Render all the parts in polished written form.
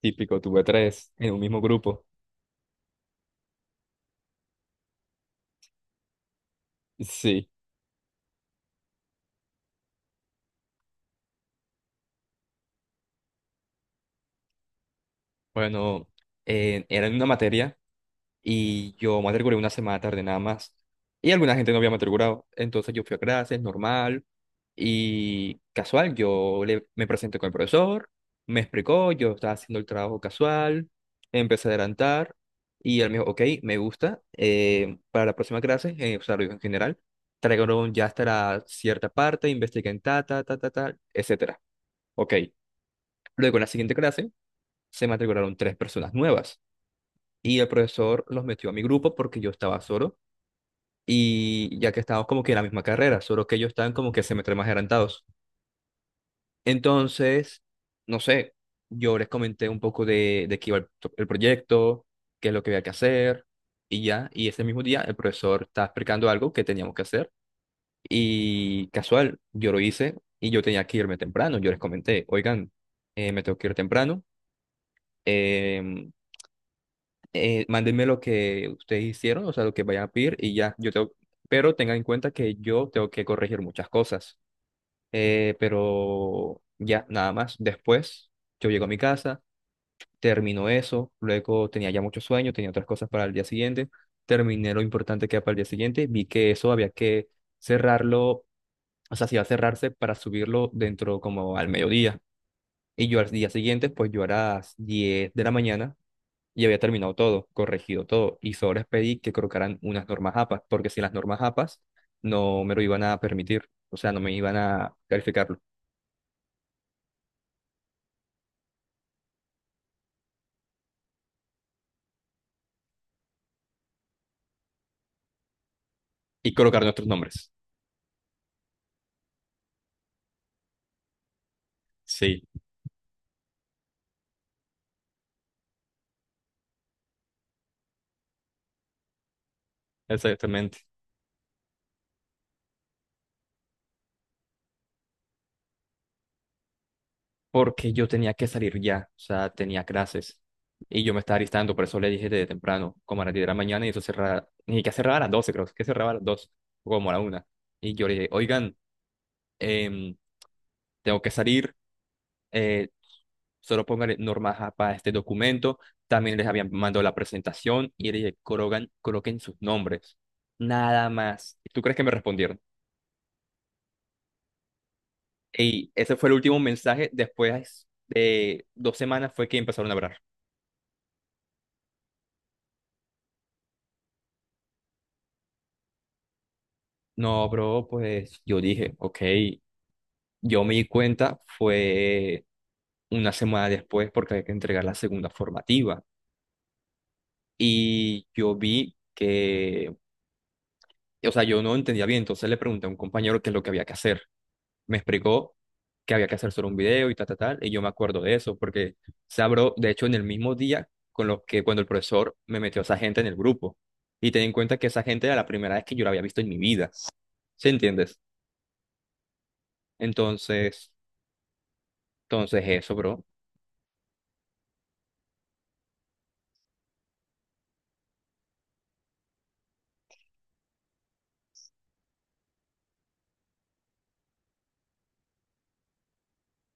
Típico, tuve tres en un mismo grupo. Sí, bueno, era en una materia y yo matriculé una semana tarde nada más. Y alguna gente no había matriculado. Entonces yo fui a clases, normal y casual. Me presenté con el profesor, me explicó, yo estaba haciendo el trabajo casual, empecé a adelantar y él me dijo, ok, me gusta, para la próxima clase, o sea, lo dijo en general, traigo ya hasta la cierta parte, investiguen ta, ta, ta, ta, ta, etcétera. Ok. Luego, en la siguiente clase, se matricularon tres personas nuevas y el profesor los metió a mi grupo porque yo estaba solo y ya que estábamos como que en la misma carrera, solo que ellos estaban como que semestres más adelantados. Entonces, no sé, yo les comenté un poco de qué iba el proyecto, qué es lo que había que hacer y ya. Y ese mismo día el profesor estaba explicando algo que teníamos que hacer y casual, yo lo hice y yo tenía que irme temprano. Yo les comenté, oigan, me tengo que ir temprano. eh, Mándenme lo que ustedes hicieron, o sea, lo que vayan a pedir y ya, yo tengo, pero tengan en cuenta que yo tengo que corregir muchas cosas. Pero ya, nada más. Después, yo llego a mi casa, termino eso, luego tenía ya mucho sueño, tenía otras cosas para el día siguiente, terminé lo importante que era para el día siguiente, vi que eso había que cerrarlo, o sea, si iba a cerrarse para subirlo dentro como al mediodía. Y yo al día siguiente, pues yo a las 10:00 de la mañana y había terminado todo, corregido todo, y solo les pedí que colocaran unas normas APAS, porque sin las normas APAS no me lo iban a permitir, o sea, no me iban a calificarlo, y colocar nuestros nombres. Sí, exactamente, porque yo tenía que salir ya, o sea, tenía clases, y yo me estaba alistando, por eso le dije desde temprano, como a las 10:00 de la mañana, y eso cerraba, ni que cerraba a las 12, creo, que cerraba a las 2, como a la una y yo le dije, oigan, em, tengo que salir, eh, solo póngale norma ja para este documento. También les habían mandado la presentación y le dije, colocan, coloquen sus nombres. Nada más. ¿Tú crees que me respondieron? Y ese fue el último mensaje. Después de 2 semanas fue que empezaron a hablar. No, bro, pues yo dije, ok, yo me di cuenta, fue 1 semana después porque hay que entregar la segunda formativa. Y yo vi que, o sea, yo no entendía bien, entonces le pregunté a un compañero qué es lo que había que hacer. Me explicó que había que hacer solo un video y tal, tal, tal, y yo me acuerdo de eso, porque Sabro, de hecho, en el mismo día con los que cuando el profesor me metió a esa gente en el grupo, y ten en cuenta que esa gente era la primera vez que yo la había visto en mi vida, ¿sí entiendes? Entonces, entonces eso, bro.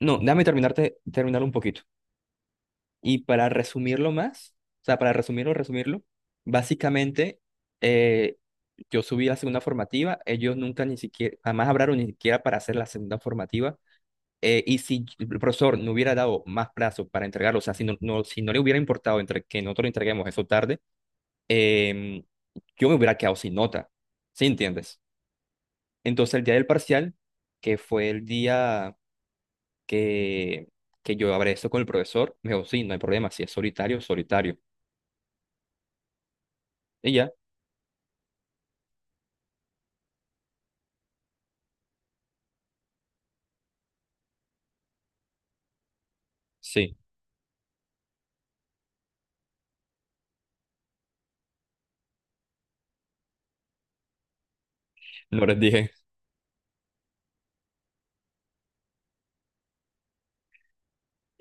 No, terminarlo un poquito. Y para resumirlo más, o sea, para resumirlo, resumirlo, básicamente, eh, yo subí la segunda formativa, ellos nunca ni siquiera, jamás hablaron ni siquiera para hacer la segunda formativa. Y si el profesor no hubiera dado más plazo para entregarlo, o sea, si no le hubiera importado entre, que nosotros lo entreguemos eso tarde, em, yo me hubiera quedado sin nota, ¿sí entiendes? Entonces el día del parcial, que fue el día que, que yo hablé esto con el profesor, me dijo, sí, no hay problema, si es solitario, solitario. Y ya, sí, no les dije.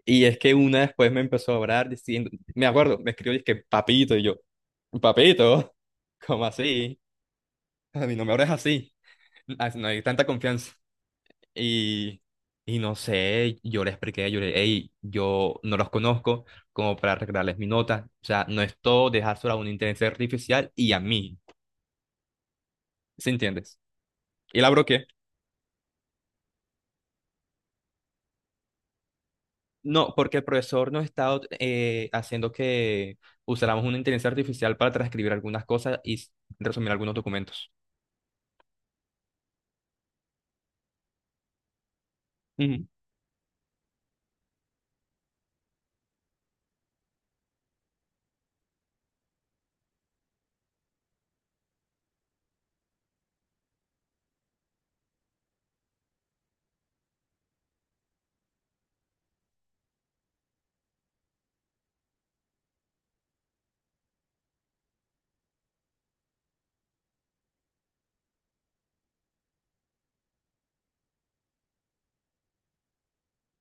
Y es que una después me empezó a hablar diciendo, me acuerdo, me escribió, es que papito, y yo, papito, ¿cómo así? A mí no me hables así. Ah, no hay tanta confianza. Y, y no sé, yo le expliqué, yo le hey, yo no los conozco como para arreglarles mi nota. O sea, no es todo dejárselo a una inteligencia artificial y a mí, ¿sí entiendes? Y la bloqueé. No, porque el profesor nos estaba haciendo que usáramos una inteligencia artificial para transcribir algunas cosas y resumir algunos documentos. Ujú.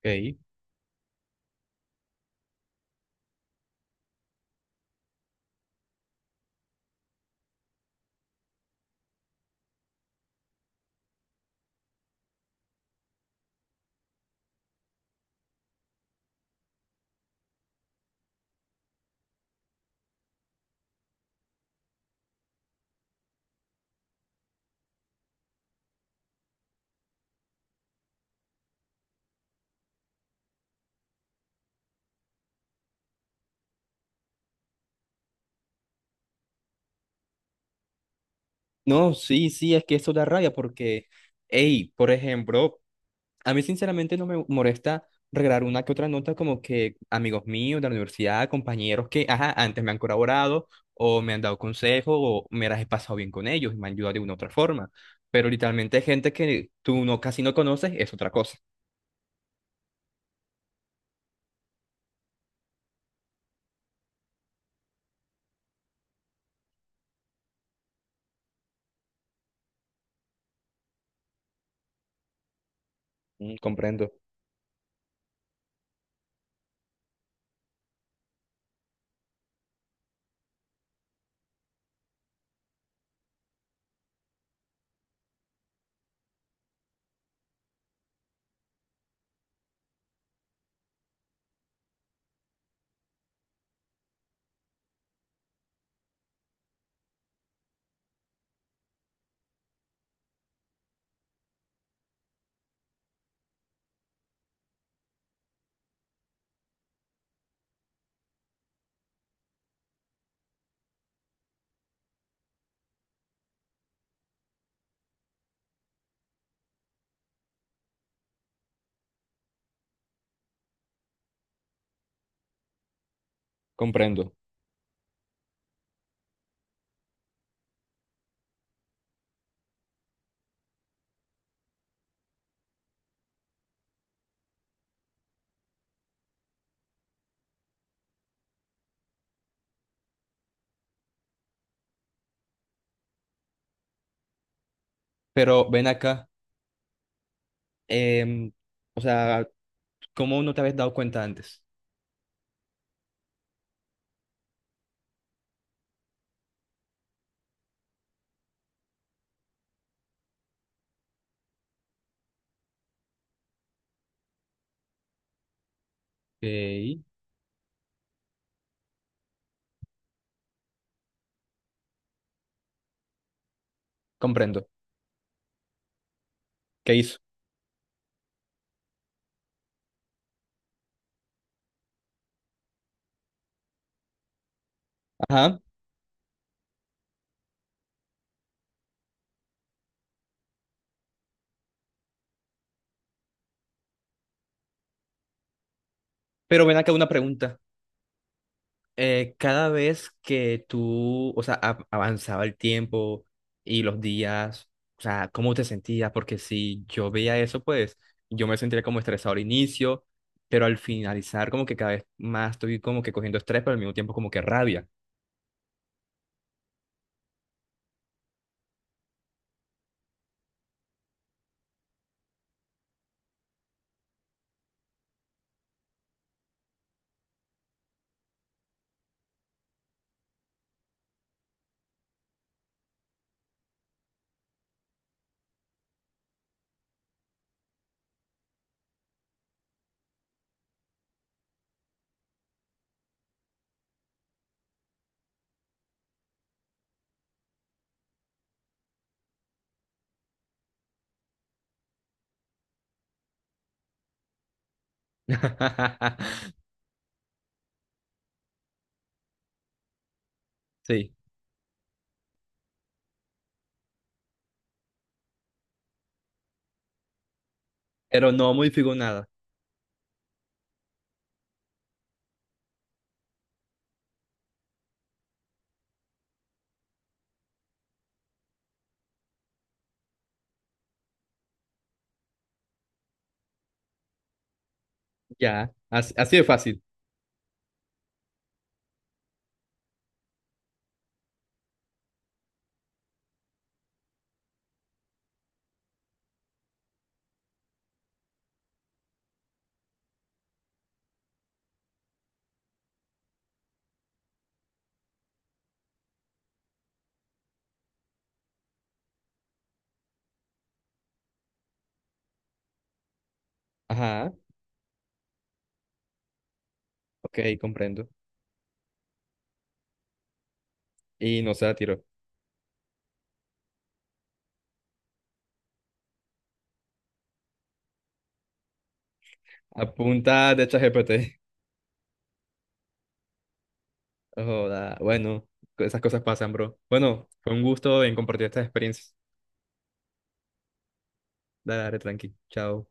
Ok. No, sí, sí, es que eso da rabia porque, hey, por ejemplo, a mí sinceramente no me molesta regalar una que otra nota como que amigos míos de la universidad, compañeros que, ajá, antes me han colaborado o me han dado consejo o me las he pasado bien con ellos y me han ayudado de una u otra forma. Pero literalmente gente que tú no, casi no conoces es otra cosa. Mm, comprendo, comprendo. Pero ven acá, em, o sea, ¿cómo no te habías dado cuenta antes? Ok, comprendo. ¿Qué hizo? Ajá. Pero ven acá una pregunta. Cada vez que tú, o sea, avanzaba el tiempo y los días, o sea, ¿cómo te sentías? Porque si yo veía eso, pues yo me sentía como estresado al inicio, pero al finalizar como que cada vez más estoy como que cogiendo estrés, pero al mismo tiempo como que rabia. Sí, pero no modifico nada. Ya, así, así de fácil. Ajá, ok, comprendo. Y no se la tiro. Apunta de ChatGPT. No Joda, bueno, esas cosas pasan, bro. Bueno, fue un gusto en compartir estas experiencias. Dale, dale, tranqui. Chao.